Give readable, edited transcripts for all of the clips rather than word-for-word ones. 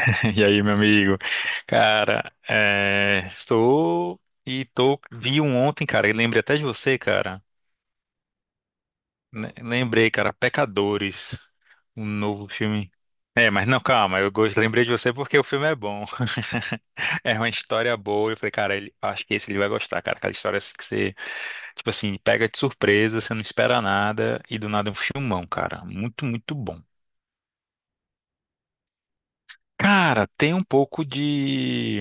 E aí, meu amigo? Cara, estou e tô vi um ontem, cara, e lembrei até de você, cara. Lembrei, cara, Pecadores, um novo filme. É, mas não, calma, lembrei de você porque o filme é bom. É uma história boa. Eu falei, cara, ele, acho que esse ele vai gostar, cara. Aquela história assim que você, tipo assim, pega de surpresa, você não espera nada e do nada é um filmão, cara. Muito, muito bom. Cara, tem um pouco de.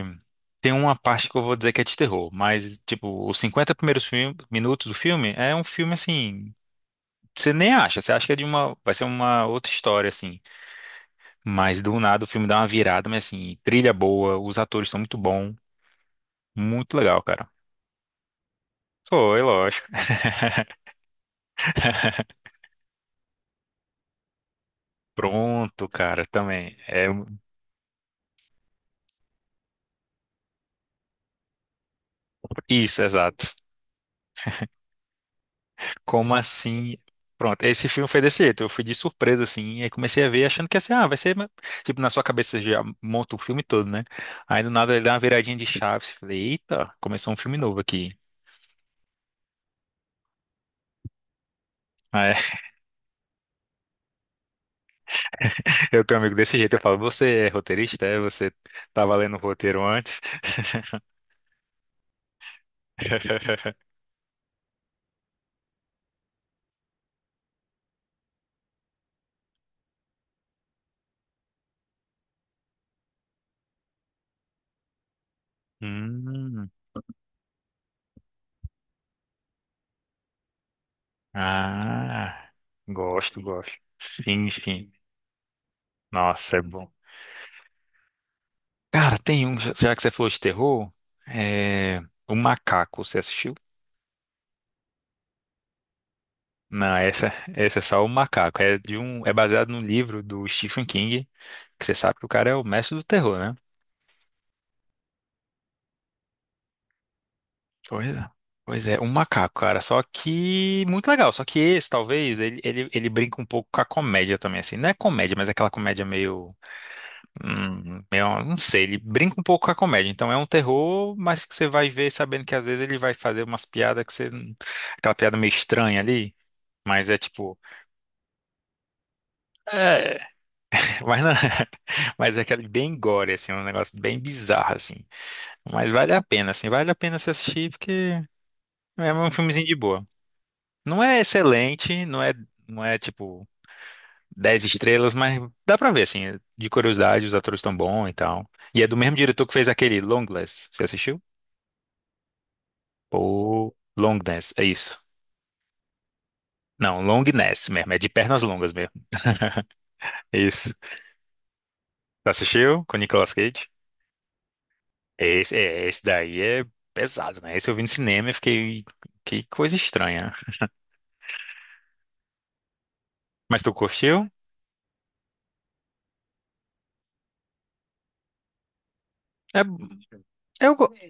Tem uma parte que eu vou dizer que é de terror, mas, tipo, os 50 primeiros minutos do filme é um filme assim. Você nem acha, você acha que é de uma. Vai ser uma outra história, assim. Mas do nada o filme dá uma virada, mas assim, trilha boa, os atores são muito bons. Muito legal, cara. Foi, lógico. Pronto, cara, também. Isso, exato. Como assim? Pronto, esse filme foi desse jeito. Eu fui de surpresa, assim, e aí comecei a ver achando que ia ser, ah, vai ser. Tipo, na sua cabeça você já monta o filme todo, né? Aí do nada ele dá uma viradinha de chaves. Falei, eita, começou um filme novo aqui. Aí eu tenho um amigo desse jeito. Eu falo, você é roteirista? É? Você tava lendo o roteiro antes? Hum, ah, gosto, gosto. Sim, sim. Nossa, é bom. Cara, tem um, já que você falou de terror, é. O Macaco, você assistiu? Não, essa é só o macaco. É de um, é baseado num livro do Stephen King, que você sabe que o cara é o mestre do terror, né? Pois é. Pois é, um macaco, cara. Só que muito legal. Só que esse, talvez, ele brinca um pouco com a comédia também, assim. Não é comédia, mas é aquela comédia meio, meio, não sei. Ele brinca um pouco com a comédia. Então é um terror, mas que você vai ver sabendo que às vezes ele vai fazer umas piadas que você, aquela piada meio estranha ali. Mas é tipo, é, mas, não, mas é aquele bem gore, assim, um negócio bem bizarro, assim. Mas vale a pena, assim, vale a pena se assistir, porque é um filmezinho de boa. Não é excelente, não é, não é tipo 10 estrelas, mas dá pra ver, assim, de curiosidade, os atores estão bons e tal. E é do mesmo diretor que fez aquele Longlegs, você assistiu? Ou Longness, é isso. Não, Longness mesmo, é de pernas longas mesmo. Isso. Assistiu? Com Nicolas Cage? Esse, é, esse daí é pesado, né? Esse eu vi no cinema e fiquei. Que coisa estranha. Mas tu curtiu? É, eu,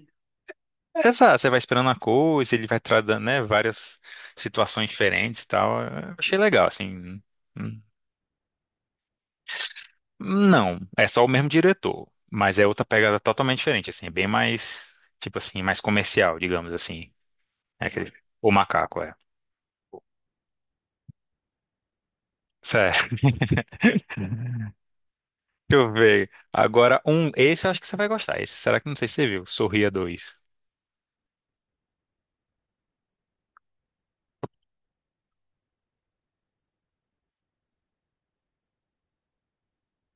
essa, você vai esperando a coisa, ele vai tratando, né, várias situações diferentes e tal. Eu achei legal, assim. Hum, Não, é só o mesmo diretor, mas é outra pegada totalmente diferente, assim, é bem mais, tipo assim, mais comercial, digamos assim. É aquele, o macaco, é. Sério. Deixa eu ver. Agora, um, esse eu acho que você vai gostar. Esse, será que não sei se você viu? Sorria dois.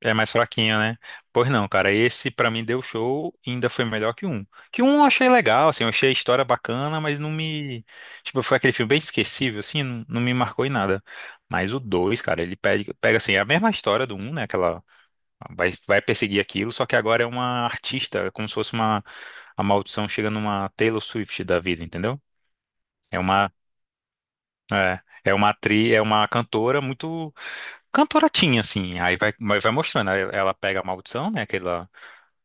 É mais fraquinho, né? Pois não, cara, esse pra mim deu show e ainda foi melhor que um. Que um eu achei legal, assim, eu achei a história bacana, mas não me. Tipo, foi aquele filme bem esquecível, assim, não, não me marcou em nada. Mas o dois, cara, ele pega, pega assim, é a mesma história do um, né? Aquela. Vai perseguir aquilo, só que agora é uma artista, é como se fosse uma. A maldição chega numa Taylor Swift da vida, entendeu? É uma. É, é uma atriz, é uma cantora muito. Cantoratinha, assim. Aí vai, vai mostrando, aí ela pega a maldição, né? Aquela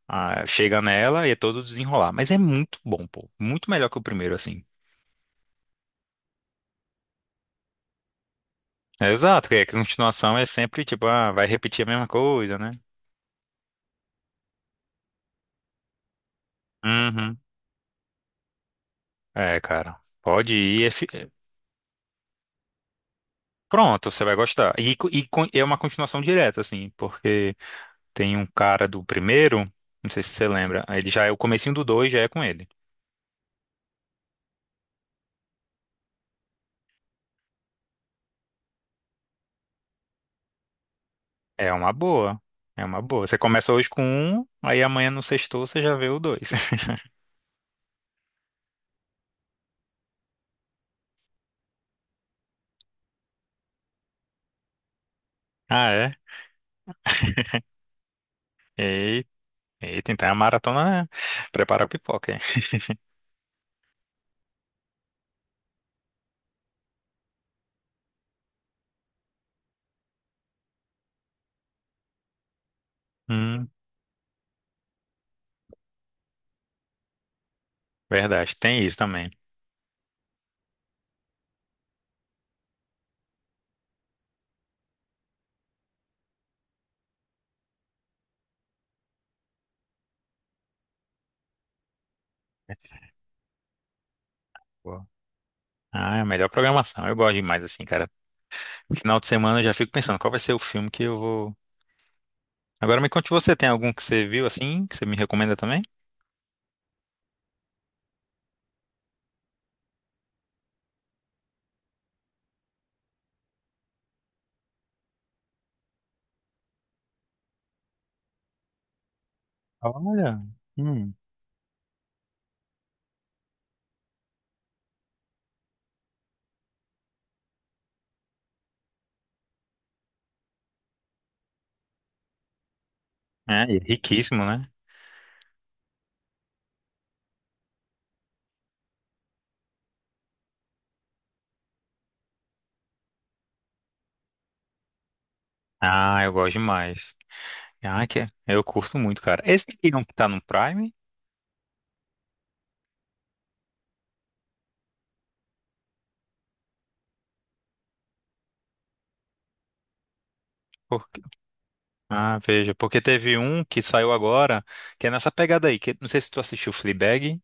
ah, chega nela e é todo desenrolar. Mas é muito bom, pô. Muito melhor que o primeiro, assim. É exato, que a continuação é sempre tipo, ah, vai repetir a mesma coisa, né? Uhum. É, cara. Pode ir. Pronto, você vai gostar. E, é uma continuação direta, assim, porque tem um cara do primeiro, não sei se você lembra, ele já é o comecinho do dois, já é com ele. É uma boa. É uma boa. Você começa hoje com um, aí amanhã no sexto você já vê o dois. Ah, é? Eita, eita, então é a maratona. Né? Prepara a pipoca. Hum, verdade, tem isso também. Boa. Ah, é a melhor programação. Eu gosto demais, assim, cara. Final de semana eu já fico pensando qual vai ser o filme que eu vou. Agora me conte você, tem algum que você viu assim, que você me recomenda também? Olha. Hum. É, e é riquíssimo, né? Ah, eu gosto demais. Ah, que eu curto muito, cara. Esse aqui não tá no Prime? Porque... ah, veja, porque teve um que saiu agora, que é nessa pegada aí, que não sei se tu assistiu Fleabag.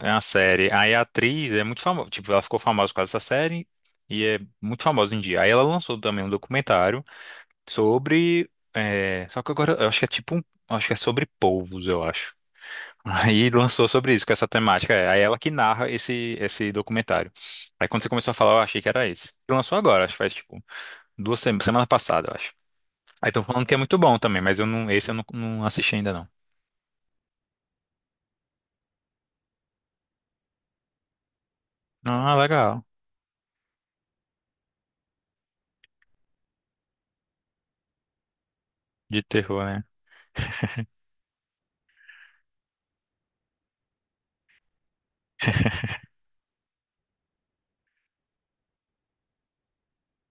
É uma série. Aí a atriz é muito famosa. Tipo, ela ficou famosa por causa dessa série e é muito famosa em dia. Aí ela lançou também um documentário sobre. É, só que agora eu acho que é tipo um. Acho que é sobre povos, eu acho. Aí lançou sobre isso, com essa temática. É. Aí ela que narra esse, esse documentário. Aí quando você começou a falar, eu achei que era esse. Lançou agora, acho que faz tipo 2 semanas, semana passada, eu acho. Aí estão falando que é muito bom também, mas eu não, esse eu não, não assisti ainda não. Ah, legal. De terror, né?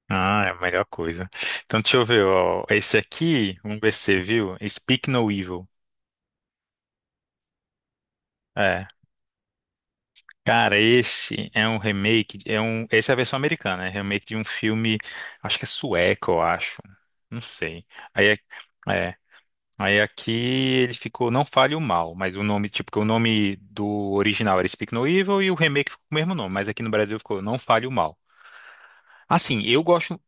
Ah, é a melhor coisa. Então, deixa eu ver, ó. Esse aqui, vamos ver se você viu. Speak No Evil. É. Cara, esse é um remake. É um, essa é a versão americana, é remake de um filme, acho que é sueco, eu acho. Não sei. Aí, é, é. aí aqui ele ficou Não Fale o Mal, mas o nome, tipo, que o nome do original era Speak No Evil e o remake ficou com o mesmo nome, mas aqui no Brasil ficou Não Fale o Mal. Assim, eu gosto.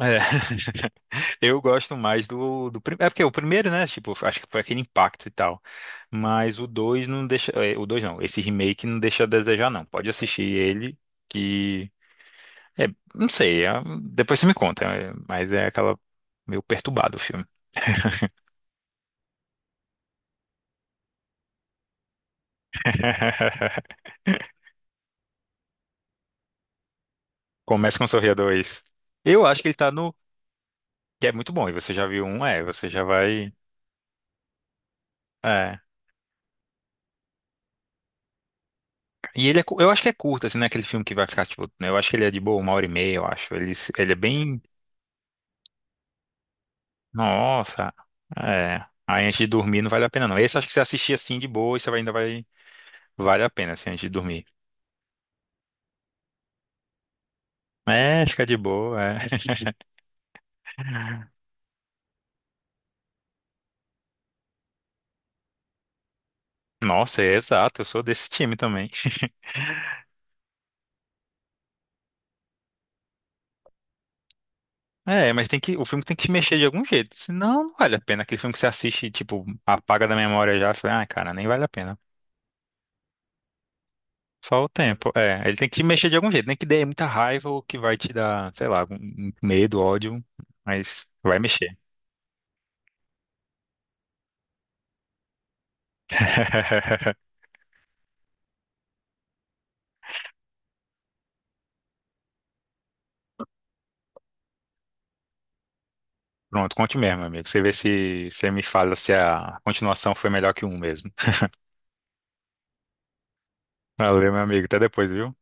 É. Eu gosto mais do primeiro. É porque o primeiro, né? Tipo, acho que foi aquele impacto e tal. Mas o 2 não deixa. É, o 2 não. Esse remake não deixa a desejar, não. Pode assistir ele, que. É, não sei. Depois você me conta. É, mas é aquela. Meio perturbado o filme. Começa com Sorria 2. Eu acho que ele tá no. Que é muito bom. E você já viu um, é. Você já vai. É. E ele é. Eu acho que é curto, assim, né? Aquele filme que vai ficar, tipo. Né, eu acho que ele é de boa, 1 hora e meia, eu acho. Ele, ele é bem. Nossa, é. Aí antes de dormir não vale a pena não. Esse acho que você assistir assim de boa e você ainda vai. Vale a pena assim antes de dormir. É, fica de boa, é. Nossa, é exato, eu sou desse time também. É, mas tem que, o filme tem que te mexer de algum jeito, senão não vale a pena. Aquele filme que você assiste, tipo, apaga da memória já, fala, ah, cara, nem vale a pena. Só o tempo, é. Ele tem que te mexer de algum jeito, nem que dê muita raiva ou que vai te dar, sei lá, algum medo, ódio, mas vai mexer. Pronto, conte mesmo, meu amigo. Você vê se você me fala se a continuação foi melhor que um mesmo. Valeu, meu amigo. Até depois, viu?